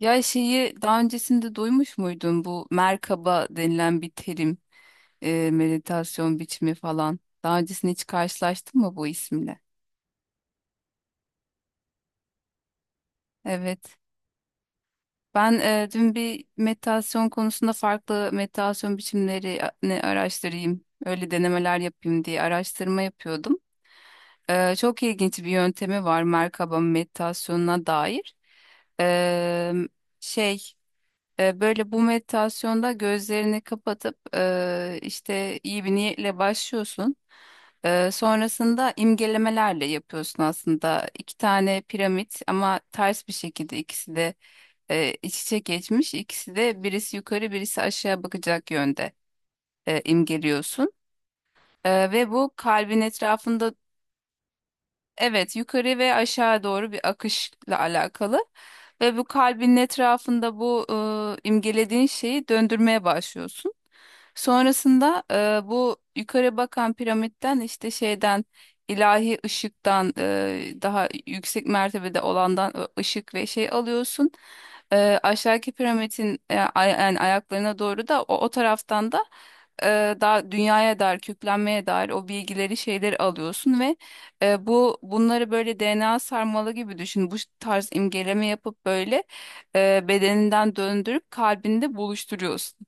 Ya şeyi daha öncesinde duymuş muydun bu merkaba denilen bir terim, meditasyon biçimi falan. Daha öncesinde hiç karşılaştın mı bu isimle? Evet. Ben dün bir meditasyon konusunda farklı meditasyon biçimlerini araştırayım, öyle denemeler yapayım diye araştırma yapıyordum. Çok ilginç bir yöntemi var merkaba meditasyonuna dair. E, şey Böyle bu meditasyonda gözlerini kapatıp işte iyi bir niyetle başlıyorsun. Sonrasında imgelemelerle yapıyorsun aslında. İki tane piramit ama ters bir şekilde ikisi de iç içe geçmiş. İkisi de birisi yukarı birisi aşağı bakacak yönde imgeliyorsun. Ve bu kalbin etrafında. Evet, yukarı ve aşağı doğru bir akışla alakalı. Ve bu kalbinin etrafında bu imgelediğin şeyi döndürmeye başlıyorsun. Sonrasında bu yukarı bakan piramitten işte şeyden ilahi ışıktan daha yüksek mertebede olandan ışık ve şey alıyorsun. Aşağıki piramidin yani ayaklarına doğru da o taraftan da e, daha dünyaya dair, köklenmeye dair o bilgileri, şeyleri alıyorsun ve e, bu bunları böyle DNA sarmalı gibi düşün. Bu tarz imgeleme yapıp böyle bedeninden döndürüp kalbinde buluşturuyorsun.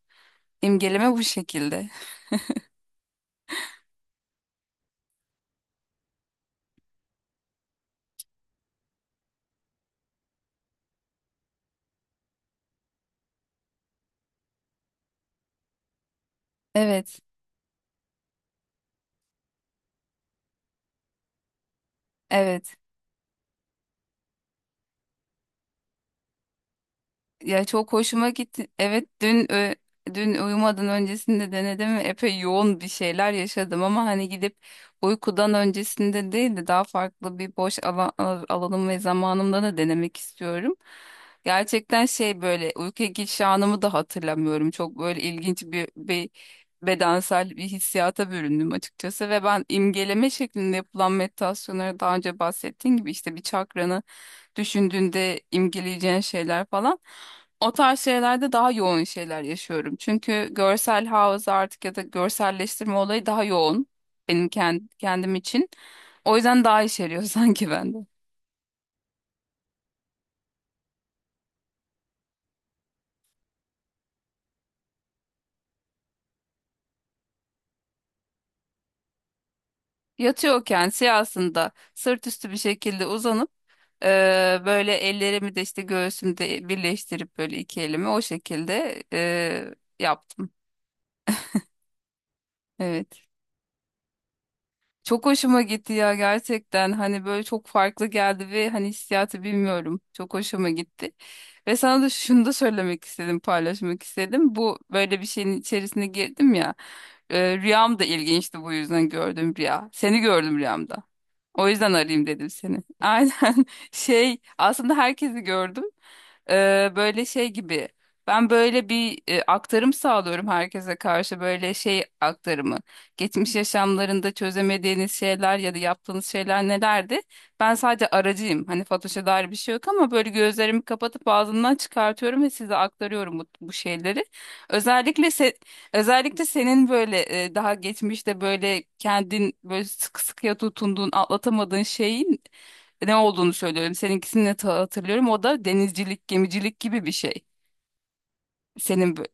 İmgeleme bu şekilde. Evet, evet. Ya çok hoşuma gitti. Evet, dün dün uyumadan öncesinde denedim ve epey yoğun bir şeyler yaşadım ama hani gidip uykudan öncesinde değil de daha farklı bir boş alan, alanım ve zamanımda da denemek istiyorum. Gerçekten şey böyle uykuya giriş anımı da hatırlamıyorum. Çok böyle ilginç bir, bir bedensel bir hissiyata büründüm açıkçası ve ben imgeleme şeklinde yapılan meditasyonlara daha önce bahsettiğim gibi işte bir çakranı düşündüğünde imgeleyeceğin şeyler falan. O tarz şeylerde daha yoğun şeyler yaşıyorum. Çünkü görsel hafıza artık ya da görselleştirme olayı daha yoğun benim kendim için. O yüzden daha işeriyor sanki bende. Yatıyorken siyahsında sırt üstü bir şekilde uzanıp böyle ellerimi de işte göğsümde birleştirip böyle iki elimi o şekilde yaptım. Evet. Çok hoşuma gitti ya gerçekten. Hani böyle çok farklı geldi ve hani hissiyatı bilmiyorum. Çok hoşuma gitti. Ve sana da şunu da söylemek istedim, paylaşmak istedim. Bu böyle bir şeyin içerisine girdim ya. Rüyam da ilginçti bu yüzden gördüm rüya. Seni gördüm rüyamda. O yüzden arayayım dedim seni. Aynen şey aslında herkesi gördüm. Böyle şey gibi ben böyle bir aktarım sağlıyorum herkese karşı böyle şey aktarımı. Geçmiş yaşamlarında çözemediğiniz şeyler ya da yaptığınız şeyler nelerdi? Ben sadece aracıyım. Hani Fatoş'a dair bir şey yok ama böyle gözlerimi kapatıp ağzımdan çıkartıyorum ve size aktarıyorum bu şeyleri. Özellikle özellikle senin böyle daha geçmişte böyle kendin böyle sıkı sıkıya tutunduğun, atlatamadığın şeyin ne olduğunu söylüyorum. Seninkisini de hatırlıyorum. O da denizcilik, gemicilik gibi bir şey. Senin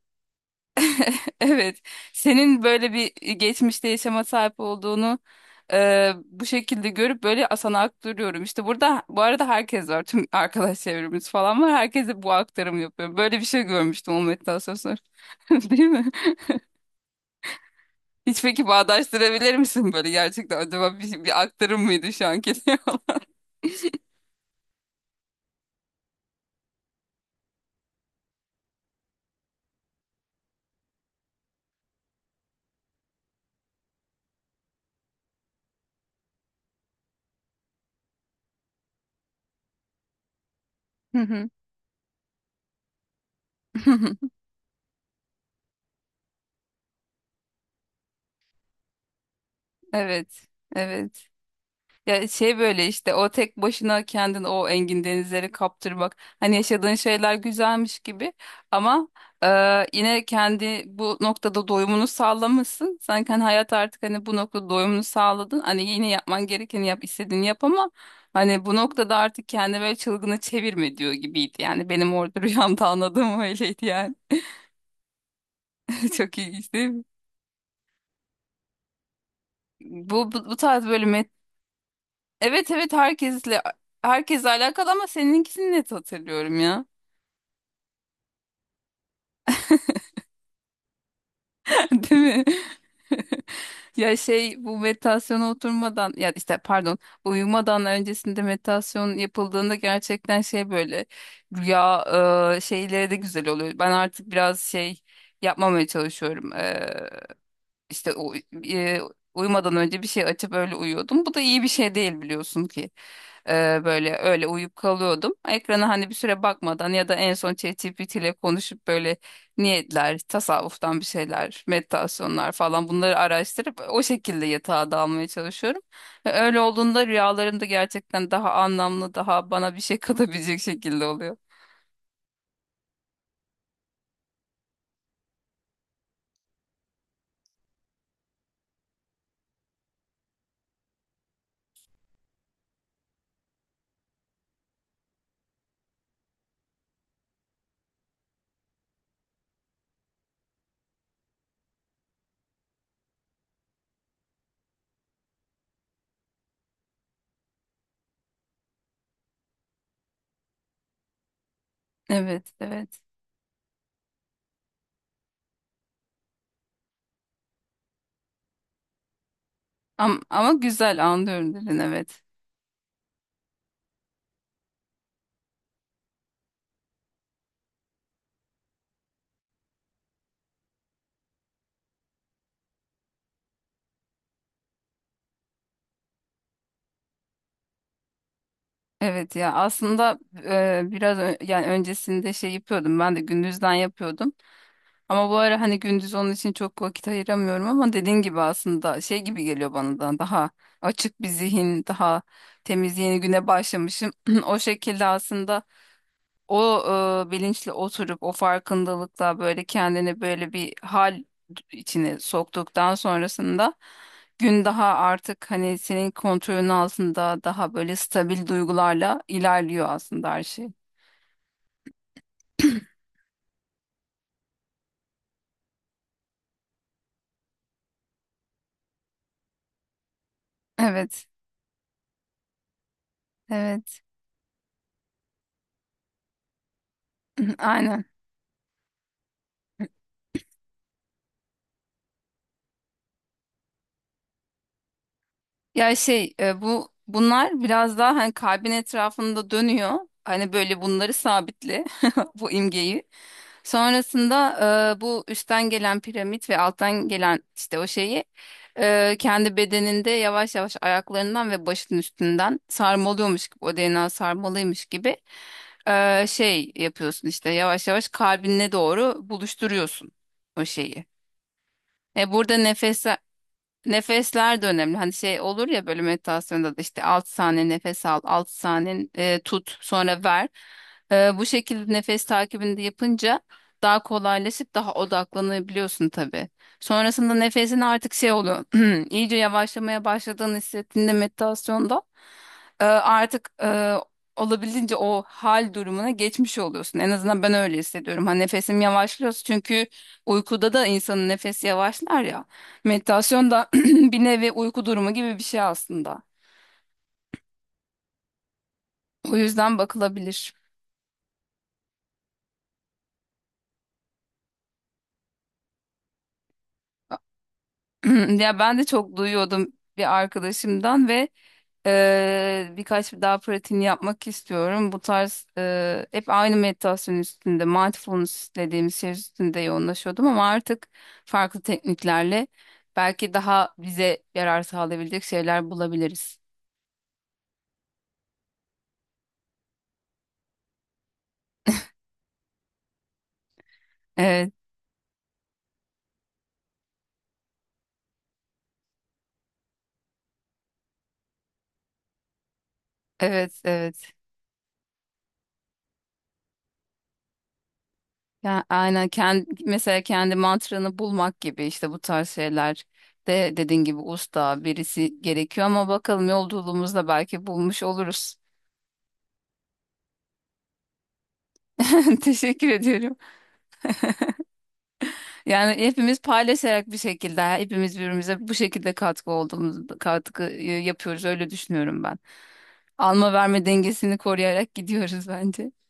evet, senin böyle bir geçmişte yaşama sahip olduğunu bu şekilde görüp böyle sana aktarıyorum. İşte burada bu arada herkes var. Tüm arkadaş çevremiz falan var. Herkese bu aktarımı yapıyorum. Böyle bir şey görmüştüm o meditasyon sonra. Değil mi? Hiç peki bağdaştırabilir misin böyle gerçekten acaba bir, bir aktarım mıydı şu anki diyorlar. Hı hı. Evet, evet. Ya şey böyle işte o tek başına kendini o engin denizleri kaptırmak. Hani yaşadığın şeyler güzelmiş gibi ama e, yine kendi bu noktada doyumunu sağlamışsın. Sanki hani hayat artık hani bu noktada doyumunu sağladın. Hani yine yapman gerekeni yap, istediğini yap ama hani bu noktada artık kendi böyle çılgını çevirme diyor gibiydi. Yani benim orada rüyamda anladığım öyleydi yani. Çok ilginç değil mi? Bu tarz böyle met... Evet, evet, herkesle alakalı ama seninkisini net hatırlıyorum ya. Değil mi? Ya şey bu meditasyona oturmadan ya işte pardon uyumadan öncesinde meditasyon yapıldığında gerçekten şey böyle rüya şeyleri de güzel oluyor. Ben artık biraz şey yapmamaya çalışıyorum. İşte e, uyumadan önce bir şey açıp öyle uyuyordum. Bu da iyi bir şey değil biliyorsun ki. Böyle öyle uyuyup kalıyordum. Ekrana hani bir süre bakmadan ya da en son ChatGPT ile konuşup böyle niyetler, tasavvuftan bir şeyler, meditasyonlar falan bunları araştırıp o şekilde yatağa dalmaya çalışıyorum. Ve öyle olduğunda rüyalarım da gerçekten daha anlamlı, daha bana bir şey katabilecek şekilde oluyor. Evet, evet. Ama güzel anlıyorum dedin evet. Evet ya aslında biraz yani öncesinde şey yapıyordum ben de gündüzden yapıyordum. Ama bu ara hani gündüz onun için çok vakit ayıramıyorum ama dediğin gibi aslında şey gibi geliyor bana da daha açık bir zihin, daha temiz yeni güne başlamışım. O şekilde aslında o bilinçle oturup o farkındalıkla böyle kendini böyle bir hal içine soktuktan sonrasında gün daha artık hani senin kontrolün altında daha böyle stabil duygularla ilerliyor aslında her şey. Evet, evet. Aynen. Ya şey e, bu bunlar biraz daha hani kalbin etrafında dönüyor. Hani böyle bunları sabitle bu imgeyi. Sonrasında bu üstten gelen piramit ve alttan gelen işte o şeyi kendi bedeninde yavaş yavaş ayaklarından ve başının üstünden sarmalıyormuş gibi o DNA sarmalıymış gibi şey yapıyorsun işte yavaş yavaş kalbine doğru buluşturuyorsun o şeyi. E burada nefes Nefesler de önemli. Hani şey olur ya böyle meditasyonda da işte 6 saniye nefes al, 6 saniye tut, sonra ver. Bu şekilde nefes takibini de yapınca daha kolaylaşıp daha odaklanabiliyorsun tabii. Sonrasında nefesin artık şey oluyor. iyice yavaşlamaya başladığını hissettiğinde meditasyonda artık olabildiğince o hal durumuna geçmiş oluyorsun. En azından ben öyle hissediyorum. Hani nefesim yavaşlıyor çünkü uykuda da insanın nefesi yavaşlar ya. Meditasyonda bir nevi uyku durumu gibi bir şey aslında. O yüzden bakılabilir. Ya ben de çok duyuyordum bir arkadaşımdan ve birkaç daha pratiğini yapmak istiyorum. Bu tarz hep aynı meditasyon üstünde, mindfulness dediğimiz şey üstünde yoğunlaşıyordum ama artık farklı tekniklerle belki daha bize yarar sağlayabilecek şeyler bulabiliriz. Evet, evet, evet. Ya aynen kendi, mesela kendi mantranı bulmak gibi işte bu tarz şeyler de dediğin gibi usta birisi gerekiyor ama bakalım yolculuğumuzda belki bulmuş oluruz. Teşekkür ediyorum. Yani hepimiz paylaşarak bir şekilde hepimiz birbirimize bu şekilde katkı olduğumuz katkı yapıyoruz öyle düşünüyorum ben. Alma verme dengesini koruyarak gidiyoruz bence.